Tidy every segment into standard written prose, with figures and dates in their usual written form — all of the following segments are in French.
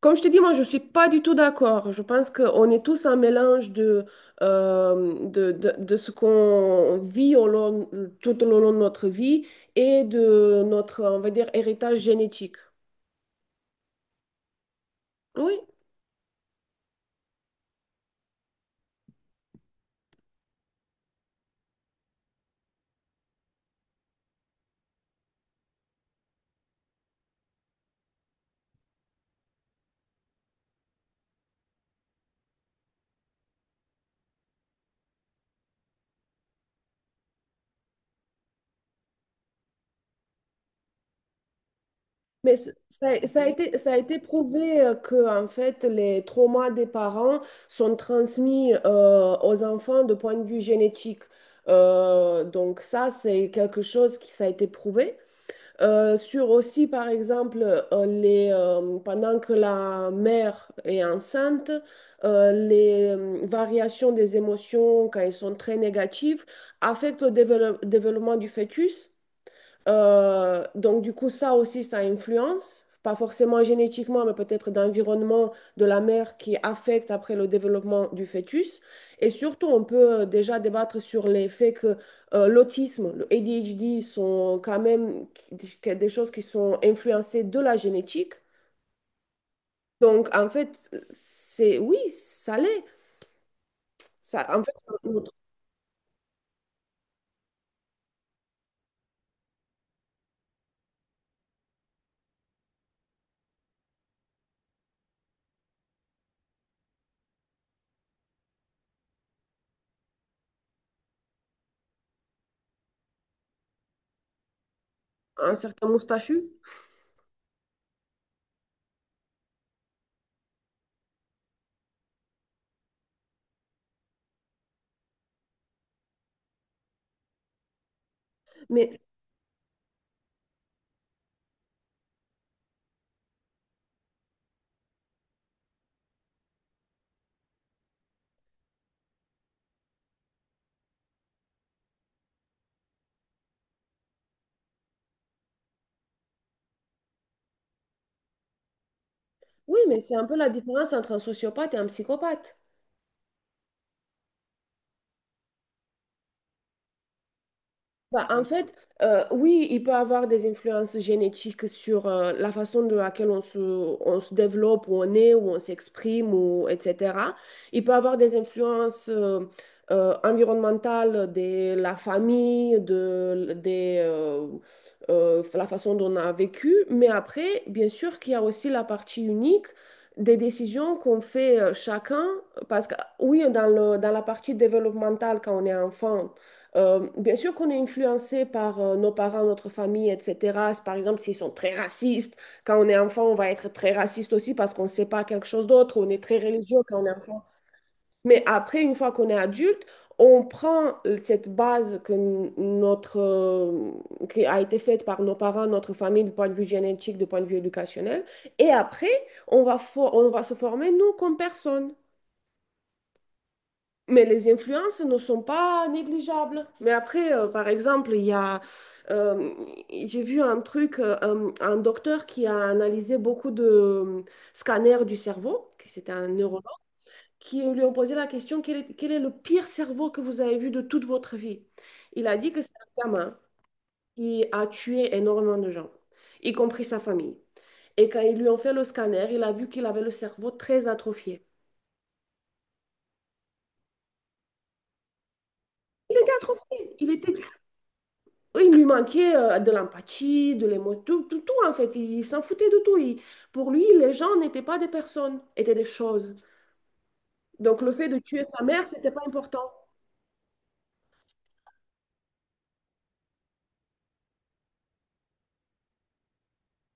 Comme je te dis, moi, je ne suis pas du tout d'accord. Je pense qu'on est tous un mélange de ce qu'on vit tout au long de notre vie et de notre, on va dire, héritage génétique. Oui, mais ça a été prouvé que, en fait, les traumas des parents sont transmis aux enfants de point de vue génétique. Donc ça, c'est quelque chose qui ça a été prouvé. Sur aussi, par exemple, pendant que la mère est enceinte, les variations des émotions, quand elles sont très négatives, affectent le développement du fœtus. Donc, du coup, ça aussi, ça influence, pas forcément génétiquement, mais peut-être d'environnement de la mère qui affecte après le développement du fœtus. Et surtout, on peut déjà débattre sur les faits que l'autisme, le ADHD sont quand même des choses qui sont influencées de la génétique. Donc, en fait, c'est oui, ça l'est. Ça, en fait, notre- un certain moustachu. Mais oui, mais c'est un peu la différence entre un sociopathe et un psychopathe. Bah, en fait, oui, il peut avoir des influences génétiques sur la façon de laquelle on se développe, où on est, où on s'exprime, ou, etc. Il peut avoir des influences environnementales de la famille, la façon dont on a vécu. Mais après, bien sûr qu'il y a aussi la partie unique des décisions qu'on fait chacun. Parce que oui, dans la partie développementale, quand on est enfant, bien sûr qu'on est influencé par nos parents, notre famille, etc. Par exemple, s'ils sont très racistes, quand on est enfant, on va être très raciste aussi parce qu'on ne sait pas quelque chose d'autre, on est très religieux quand on est enfant. Mais après, une fois qu'on est adulte, on prend cette base que qui a été faite par nos parents, notre famille, du point de vue génétique, du point de vue éducationnel, et après, on va se former, nous, comme personne. Mais les influences ne sont pas négligeables. Mais après, par exemple, euh, j'ai vu un truc, un docteur qui a analysé beaucoup de scanners du cerveau, qui c'était un neurologue, qui lui ont posé la question, quel est le pire cerveau que vous avez vu de toute votre vie? Il a dit que c'est un gamin qui a tué énormément de gens, y compris sa famille. Et quand ils lui ont fait le scanner, il a vu qu'il avait le cerveau très atrophié. Il était atrophié. Il lui manquait de l'empathie, de l'émotion, tout, tout, tout, en fait. Il s'en foutait de tout. Pour lui, les gens n'étaient pas des personnes, étaient des choses. Donc le fait de tuer sa mère, c'était pas important.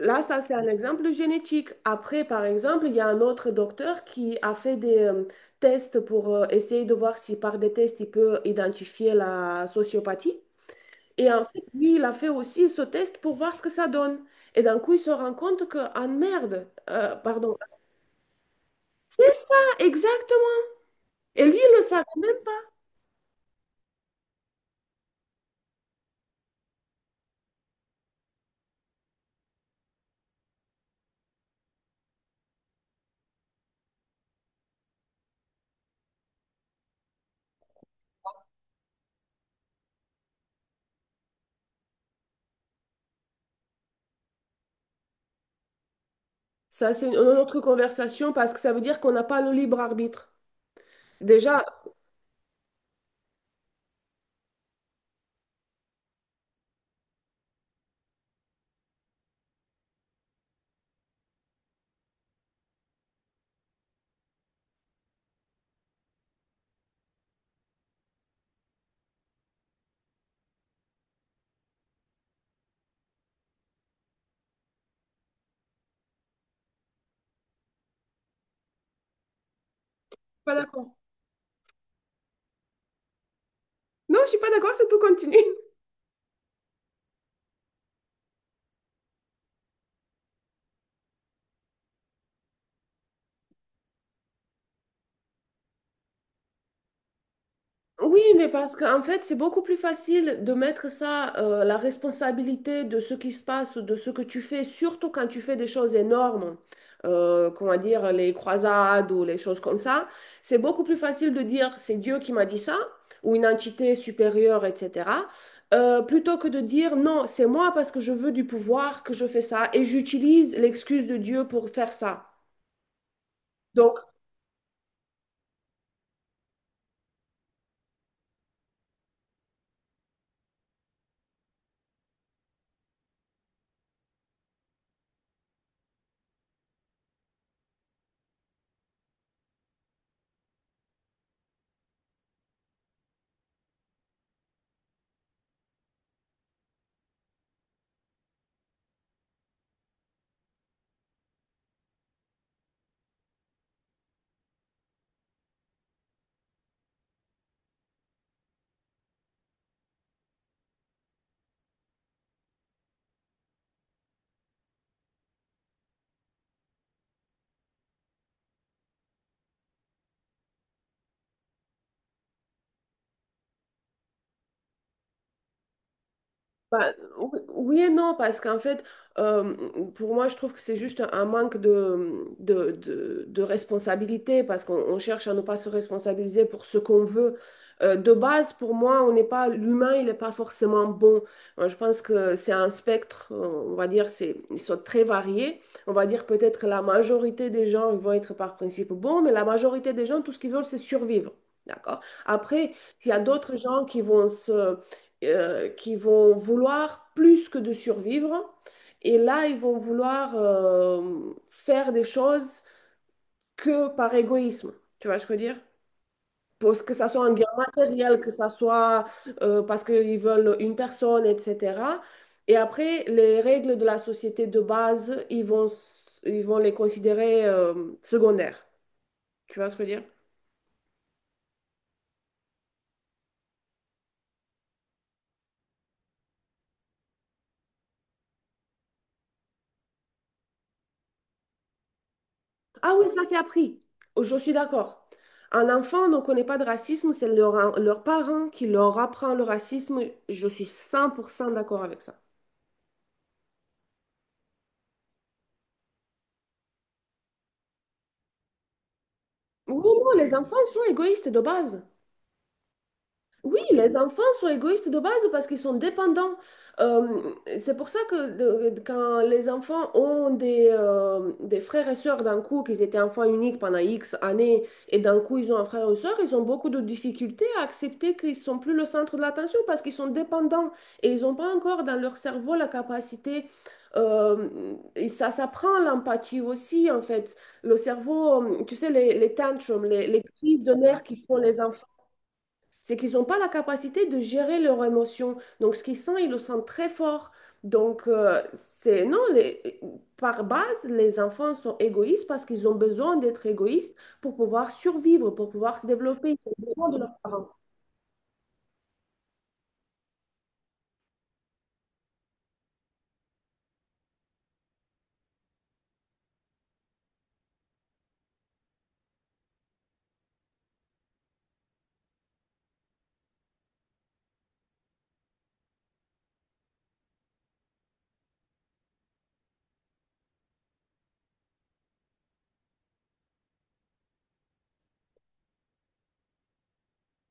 Là, ça, c'est un exemple génétique. Après, par exemple, il y a un autre docteur qui a fait des tests pour essayer de voir si par des tests, il peut identifier la sociopathie. Et en fait, lui, il a fait aussi ce test pour voir ce que ça donne. Et d'un coup, il se rend compte que, ah merde, pardon, c'est ça, exactement. Lui, il le savait même pas. Ça, c'est une autre conversation parce que ça veut dire qu'on n'a pas le libre arbitre. Déjà, je suis pas d'accord. Non, je suis pas d'accord, c'est tout, continue. Oui, mais parce qu'en fait, c'est beaucoup plus facile de mettre ça, la responsabilité de ce qui se passe, de ce que tu fais, surtout quand tu fais des choses énormes, comment dire, les croisades ou les choses comme ça. C'est beaucoup plus facile de dire c'est Dieu qui m'a dit ça, ou une entité supérieure, etc., plutôt que de dire non, c'est moi parce que je veux du pouvoir que je fais ça et j'utilise l'excuse de Dieu pour faire ça. Donc, Bah, oui oui et non, parce qu'en fait, euh, pour moi, je trouve que c'est juste un manque de responsabilité, parce qu'on on cherche à ne pas se responsabiliser pour ce qu'on veut. De base, pour moi, on n'est pas, l'humain, il n'est pas forcément bon. Moi, je pense que c'est un spectre, on va dire, ils sont très variés. On va dire peut-être que la majorité des gens ils vont être par principe bons, mais la majorité des gens, tout ce qu'ils veulent, c'est survivre. D'accord? Après, il y a d'autres gens qui vont vouloir plus que de survivre. Et là, ils vont vouloir faire des choses que par égoïsme. Tu vois ce que je veux dire? Parce que ça soit un bien matériel, que ça soit parce qu'ils veulent une personne, etc. Et après, les règles de la société de base, ils vont les considérer secondaires. Tu vois ce que je veux dire? Ah oui, ça c'est appris. Oh, je suis d'accord. Un enfant ne connaît pas de racisme, c'est leurs parents qui leur apprend le racisme. Je suis 100% d'accord avec ça. Oui, non, les enfants sont égoïstes de base. Oui, les enfants sont égoïstes de base parce qu'ils sont dépendants. Euh, c'est pour ça que quand les enfants ont des frères et sœurs d'un coup, qu'ils étaient enfants uniques pendant X années, et d'un coup ils ont un frère ou une sœur, ils ont beaucoup de difficultés à accepter qu'ils ne sont plus le centre de l'attention parce qu'ils sont dépendants et ils n'ont pas encore dans leur cerveau la capacité. euh, et ça s'apprend l'empathie aussi, en fait. Le cerveau, tu sais, les tantrums, les crises de nerfs qui font les enfants, c'est qu'ils n'ont pas la capacité de gérer leurs émotions. Donc, ce qu'ils sentent, ils le sentent très fort. Donc, c'est non, par base, les enfants sont égoïstes parce qu'ils ont besoin d'être égoïstes pour pouvoir survivre, pour pouvoir se développer. Ils ont besoin de leurs parents.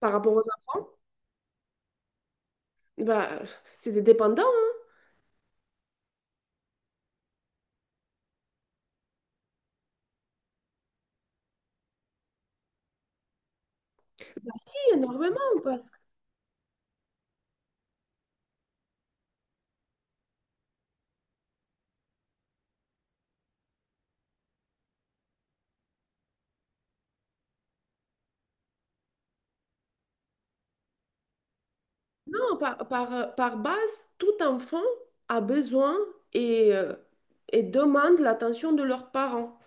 Par rapport aux enfants, bah, c'est des dépendants, hein. Bah, si, énormément. Parce que non, par base, tout enfant a besoin et, euh, et demande l'attention de leurs parents.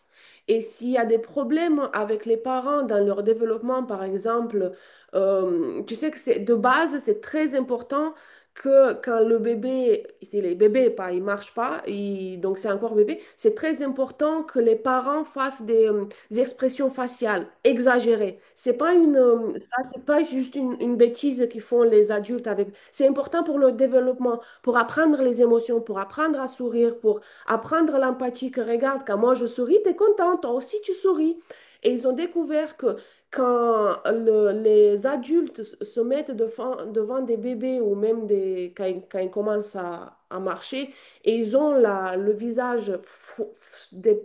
Et s'il y a des problèmes avec les parents dans leur développement, par exemple, tu sais que c'est de base, c'est très important que quand le bébé, c'est les bébés, pas, il marche pas, donc c'est encore bébé, c'est très important que les parents fassent des expressions faciales exagérées. C'est pas juste une bêtise qu'ils font les adultes avec. C'est important pour le développement, pour apprendre les émotions, pour apprendre à sourire, pour apprendre l'empathie, que regarde, quand moi je souris, t'es contente, toi aussi tu souris. Et ils ont découvert que quand les adultes se mettent devant des bébés ou même quand ils commencent à marcher et ils ont le visage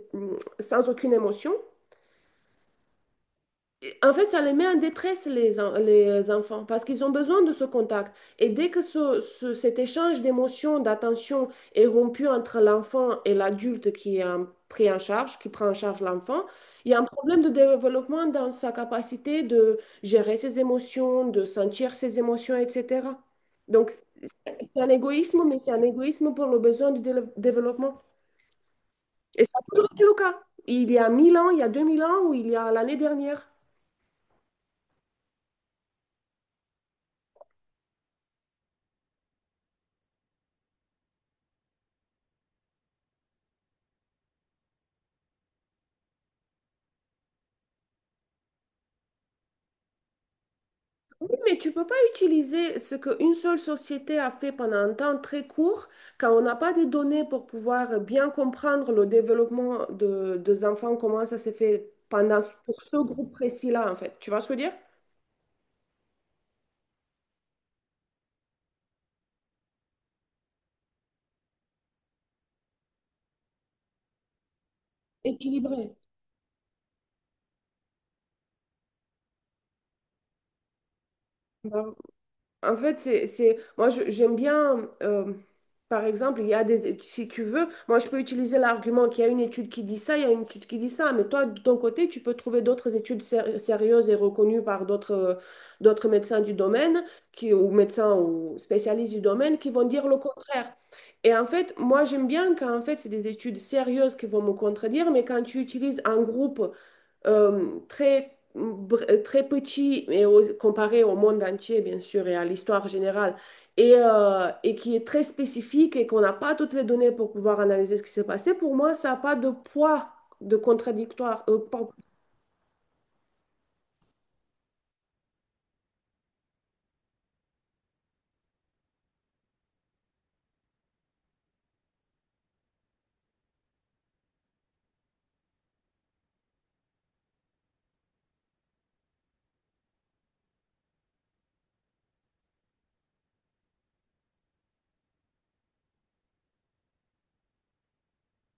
sans aucune émotion, et en fait, ça les met en détresse, les enfants, parce qu'ils ont besoin de ce contact. Et dès que cet échange d'émotions, d'attention est rompu entre l'enfant et l'adulte qui est pris en charge, qui prend en charge l'enfant, il y a un problème de développement dans sa capacité de gérer ses émotions, de sentir ses émotions, etc. Donc, c'est un égoïsme, mais c'est un égoïsme pour le besoin du développement. Et ça a toujours été le cas. Il y a 1 000 ans, il y a 2 000 ans, ou il y a l'année dernière. Oui, mais tu peux pas utiliser ce qu'une seule société a fait pendant un temps très court quand on n'a pas des données pour pouvoir bien comprendre le développement des enfants, comment ça s'est fait pour ce groupe précis-là, en fait. Tu vois ce que je veux dire? Équilibré. Bah, en fait, moi, j'aime bien, par exemple, il y a des, si tu veux, moi, je peux utiliser l'argument qu'il y a une étude qui dit ça, il y a une étude qui dit ça, mais toi, de ton côté, tu peux trouver d'autres études sérieuses et reconnues par d'autres médecins du domaine, qui, ou médecins ou spécialistes du domaine, qui vont dire le contraire. Et en fait, moi, j'aime bien quand, en fait, c'est des études sérieuses qui vont me contredire, mais quand tu utilises un groupe très, très petit et comparé au monde entier, bien sûr, et à l'histoire générale, et qui est très spécifique et qu'on n'a pas toutes les données pour pouvoir analyser ce qui s'est passé, pour moi, ça n'a pas de poids de contradictoire,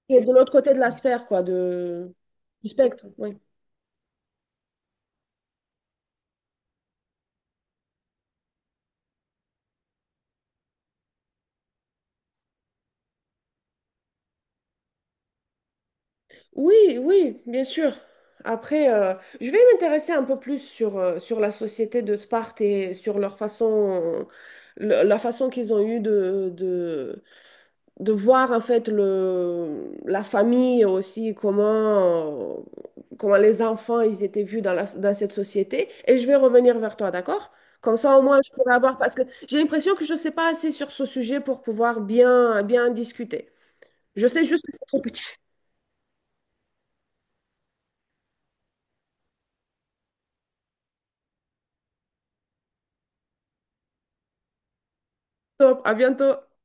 qui est de l'autre côté de la sphère, quoi, du spectre. Oui, oui, oui, bien sûr. Après, je vais m'intéresser un peu plus sur la société de Sparte et sur leur façon, la façon qu'ils ont eu de voir en fait la famille aussi, comment les enfants ils étaient vus dans cette société. Et je vais revenir vers toi, d'accord? Comme ça, au moins, je pourrais avoir, parce que j'ai l'impression que je ne sais pas assez sur ce sujet pour pouvoir bien, bien discuter. Je sais juste que c'est trop petit. Top, à bientôt.